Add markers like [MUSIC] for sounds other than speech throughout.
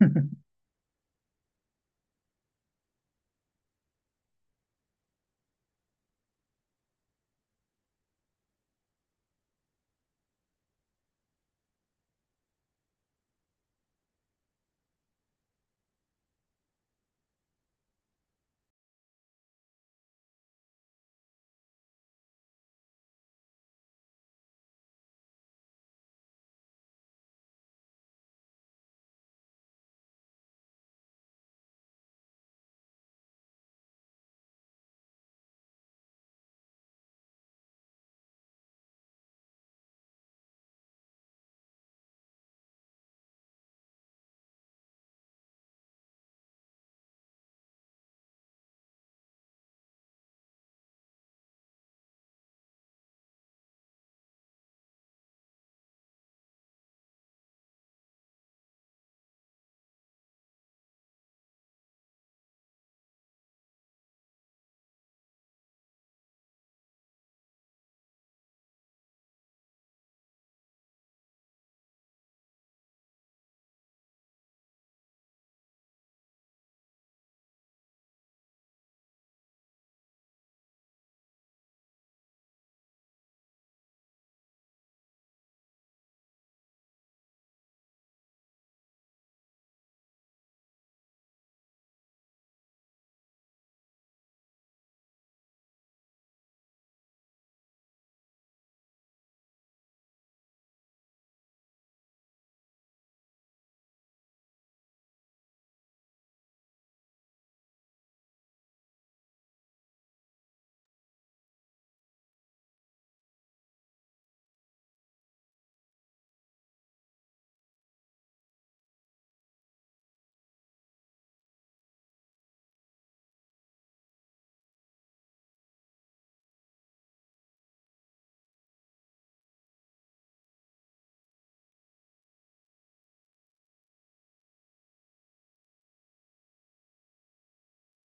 [LAUGHS]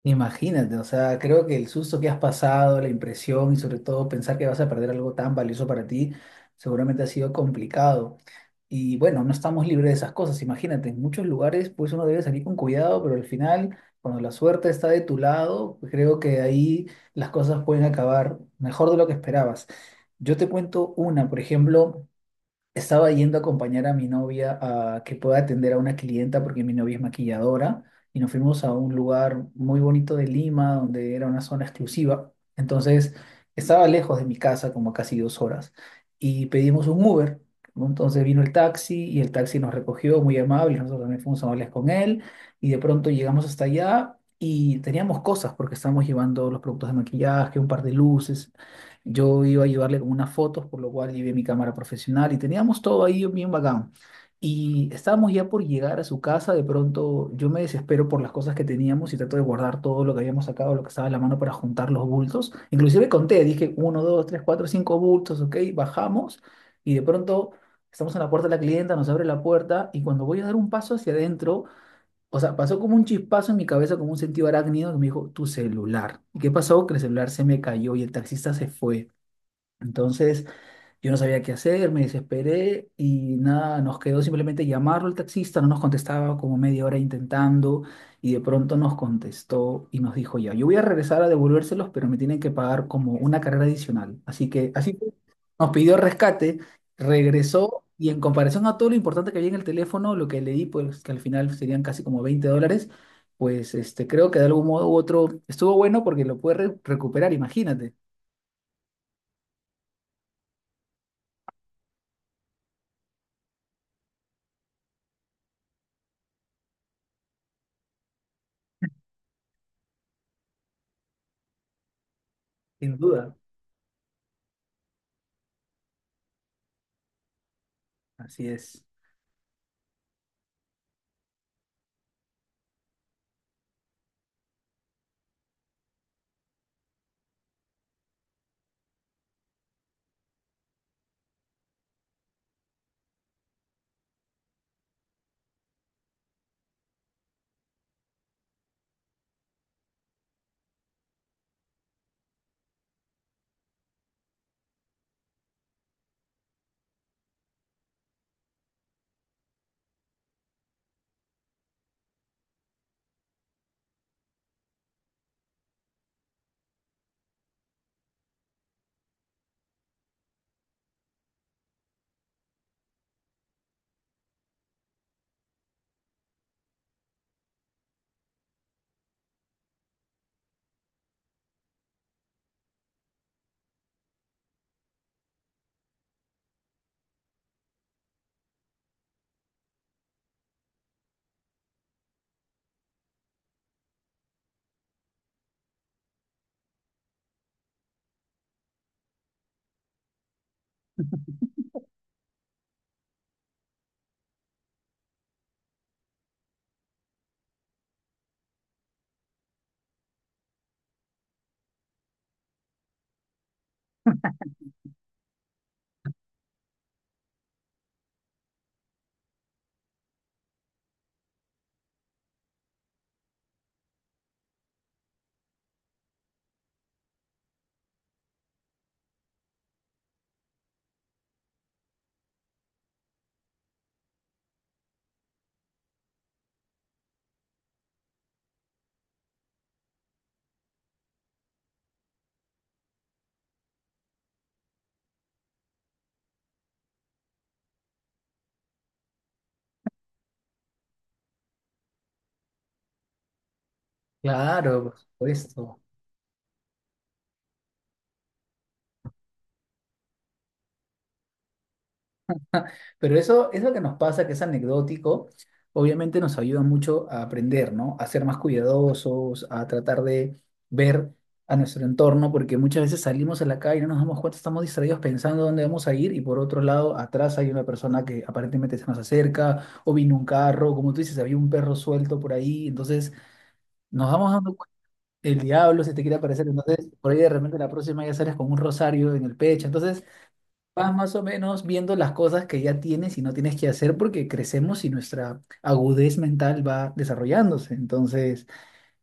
Imagínate, o sea, creo que el susto que has pasado, la impresión y sobre todo pensar que vas a perder algo tan valioso para ti, seguramente ha sido complicado. Y bueno, no estamos libres de esas cosas. Imagínate, en muchos lugares pues uno debe salir con cuidado, pero al final, cuando la suerte está de tu lado, pues, creo que ahí las cosas pueden acabar mejor de lo que esperabas. Yo te cuento una, por ejemplo, estaba yendo a acompañar a mi novia a que pueda atender a una clienta porque mi novia es maquilladora y nos fuimos a un lugar muy bonito de Lima donde era una zona exclusiva. Entonces estaba lejos de mi casa como casi 2 horas y pedimos un Uber, ¿no? Entonces vino el taxi y el taxi nos recogió muy amable. Nosotros también fuimos amables con él y de pronto llegamos hasta allá y teníamos cosas porque estábamos llevando los productos de maquillaje, un par de luces. Yo iba a llevarle con unas fotos, por lo cual llevé mi cámara profesional y teníamos todo ahí bien bacán. Y estábamos ya por llegar a su casa, de pronto yo me desespero por las cosas que teníamos y trato de guardar todo lo que habíamos sacado, lo que estaba en la mano para juntar los bultos. Inclusive conté, dije uno, dos, tres, cuatro, cinco bultos, ok, bajamos y de pronto estamos en la puerta de la clienta, nos abre la puerta y cuando voy a dar un paso hacia adentro, o sea, pasó como un chispazo en mi cabeza, como un sentido arácnido que me dijo, tu celular. ¿Y qué pasó? Que el celular se me cayó y el taxista se fue. Entonces yo no sabía qué hacer, me desesperé y nada, nos quedó simplemente llamarlo al taxista, no nos contestaba como media hora intentando y de pronto nos contestó y nos dijo ya, yo voy a regresar a devolvérselos, pero me tienen que pagar como una carrera adicional. Así que así fue. Nos pidió rescate, regresó y en comparación a todo lo importante que había en el teléfono, lo que leí, pues que al final serían casi como $20, pues este, creo que de algún modo u otro estuvo bueno porque lo pude recuperar, imagínate, sin duda. Así es. Claro, por supuesto. Pero eso que nos pasa, que es anecdótico, obviamente nos ayuda mucho a aprender, ¿no? A ser más cuidadosos, a tratar de ver a nuestro entorno, porque muchas veces salimos a la calle y no nos damos cuenta, estamos distraídos pensando dónde vamos a ir y por otro lado, atrás hay una persona que aparentemente se nos acerca o vino un carro, como tú dices, había un perro suelto por ahí, entonces nos vamos dando cuenta, el diablo se te quiere aparecer, entonces por ahí de repente la próxima ya sales con un rosario en el pecho, entonces... vas más o menos viendo las cosas que ya tienes y no tienes que hacer porque crecemos y nuestra agudez mental va desarrollándose. Entonces,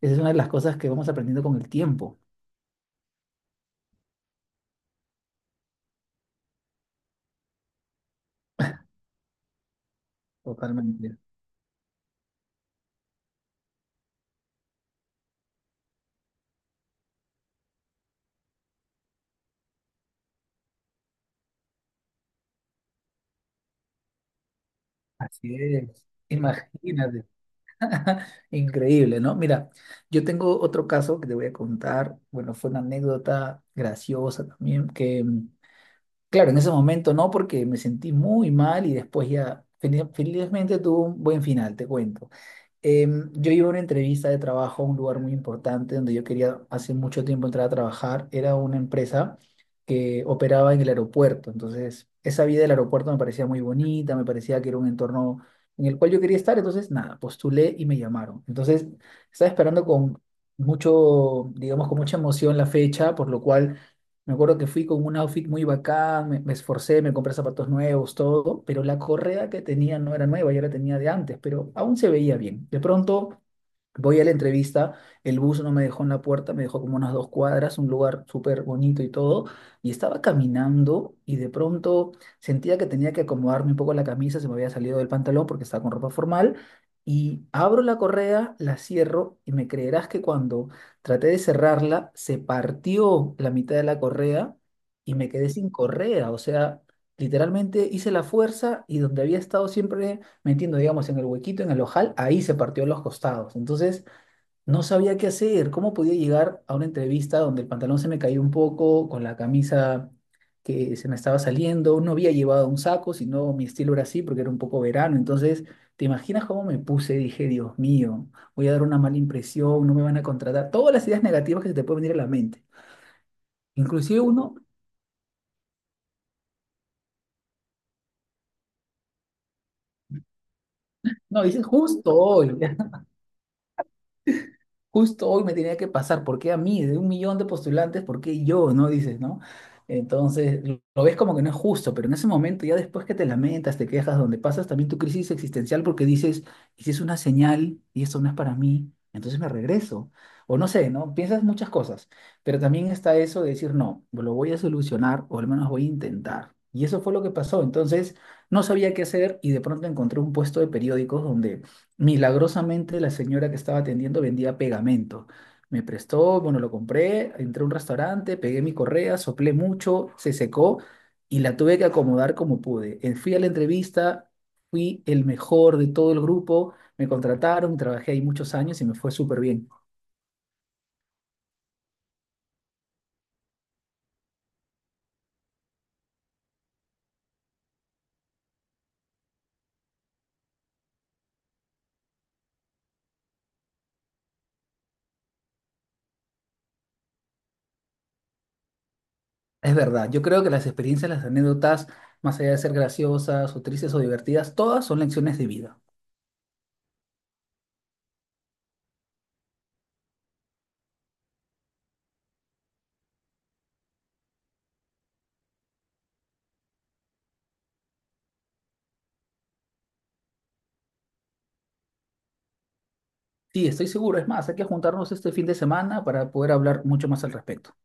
esa es una de las cosas que vamos aprendiendo con el tiempo. Totalmente. Así es. Imagínate. [LAUGHS] Increíble, ¿no? Mira, yo tengo otro caso que te voy a contar. Bueno, fue una anécdota graciosa también, que claro, en ese momento no, porque me sentí muy mal y después ya felizmente tuvo un buen final, te cuento. Yo iba a una entrevista de trabajo a un lugar muy importante donde yo quería hace mucho tiempo entrar a trabajar. Era una empresa que operaba en el aeropuerto. Entonces, esa vida del aeropuerto me parecía muy bonita, me parecía que era un entorno en el cual yo quería estar. Entonces, nada, postulé y me llamaron. Entonces, estaba esperando con mucho, digamos, con mucha emoción la fecha, por lo cual me acuerdo que fui con un outfit muy bacán, me esforcé, me compré zapatos nuevos, todo, pero la correa que tenía no era nueva, ya la tenía de antes, pero aún se veía bien. De pronto voy a la entrevista, el bus no me dejó en la puerta, me dejó como unas 2 cuadras, un lugar súper bonito y todo, y estaba caminando y de pronto sentía que tenía que acomodarme un poco la camisa, se me había salido del pantalón porque estaba con ropa formal, y abro la correa, la cierro y me creerás que cuando traté de cerrarla, se partió la mitad de la correa y me quedé sin correa, o sea, literalmente hice la fuerza y donde había estado siempre metiendo, digamos, en el huequito, en el ojal, ahí se partió los costados. Entonces, no sabía qué hacer, cómo podía llegar a una entrevista donde el pantalón se me cayó un poco, con la camisa que se me estaba saliendo, no había llevado un saco, sino mi estilo era así porque era un poco verano. Entonces, ¿te imaginas cómo me puse? Dije, Dios mío, voy a dar una mala impresión, no me van a contratar. Todas las ideas negativas que se te pueden venir a la mente. Inclusive uno, no, dices, justo hoy. [LAUGHS] Justo hoy me tenía que pasar, ¿por qué a mí? De un millón de postulantes, ¿por qué yo? ¿No? Dices, ¿no? Entonces, lo ves como que no es justo, pero en ese momento, ya después que te lamentas, te quejas, donde pasas también tu crisis existencial porque dices, y si es una señal y esto no es para mí, entonces me regreso. O no sé, ¿no? Piensas muchas cosas, pero también está eso de decir, no, lo voy a solucionar o al menos voy a intentar. Y eso fue lo que pasó. Entonces, no sabía qué hacer y de pronto encontré un puesto de periódicos donde milagrosamente la señora que estaba atendiendo vendía pegamento. Me prestó, bueno, lo compré, entré a un restaurante, pegué mi correa, soplé mucho, se secó y la tuve que acomodar como pude. Fui a la entrevista, fui el mejor de todo el grupo, me contrataron, trabajé ahí muchos años y me fue súper bien. Es verdad, yo creo que las experiencias, las anécdotas, más allá de ser graciosas o tristes o divertidas, todas son lecciones de vida. Sí, estoy seguro. Es más, hay que juntarnos este fin de semana para poder hablar mucho más al respecto.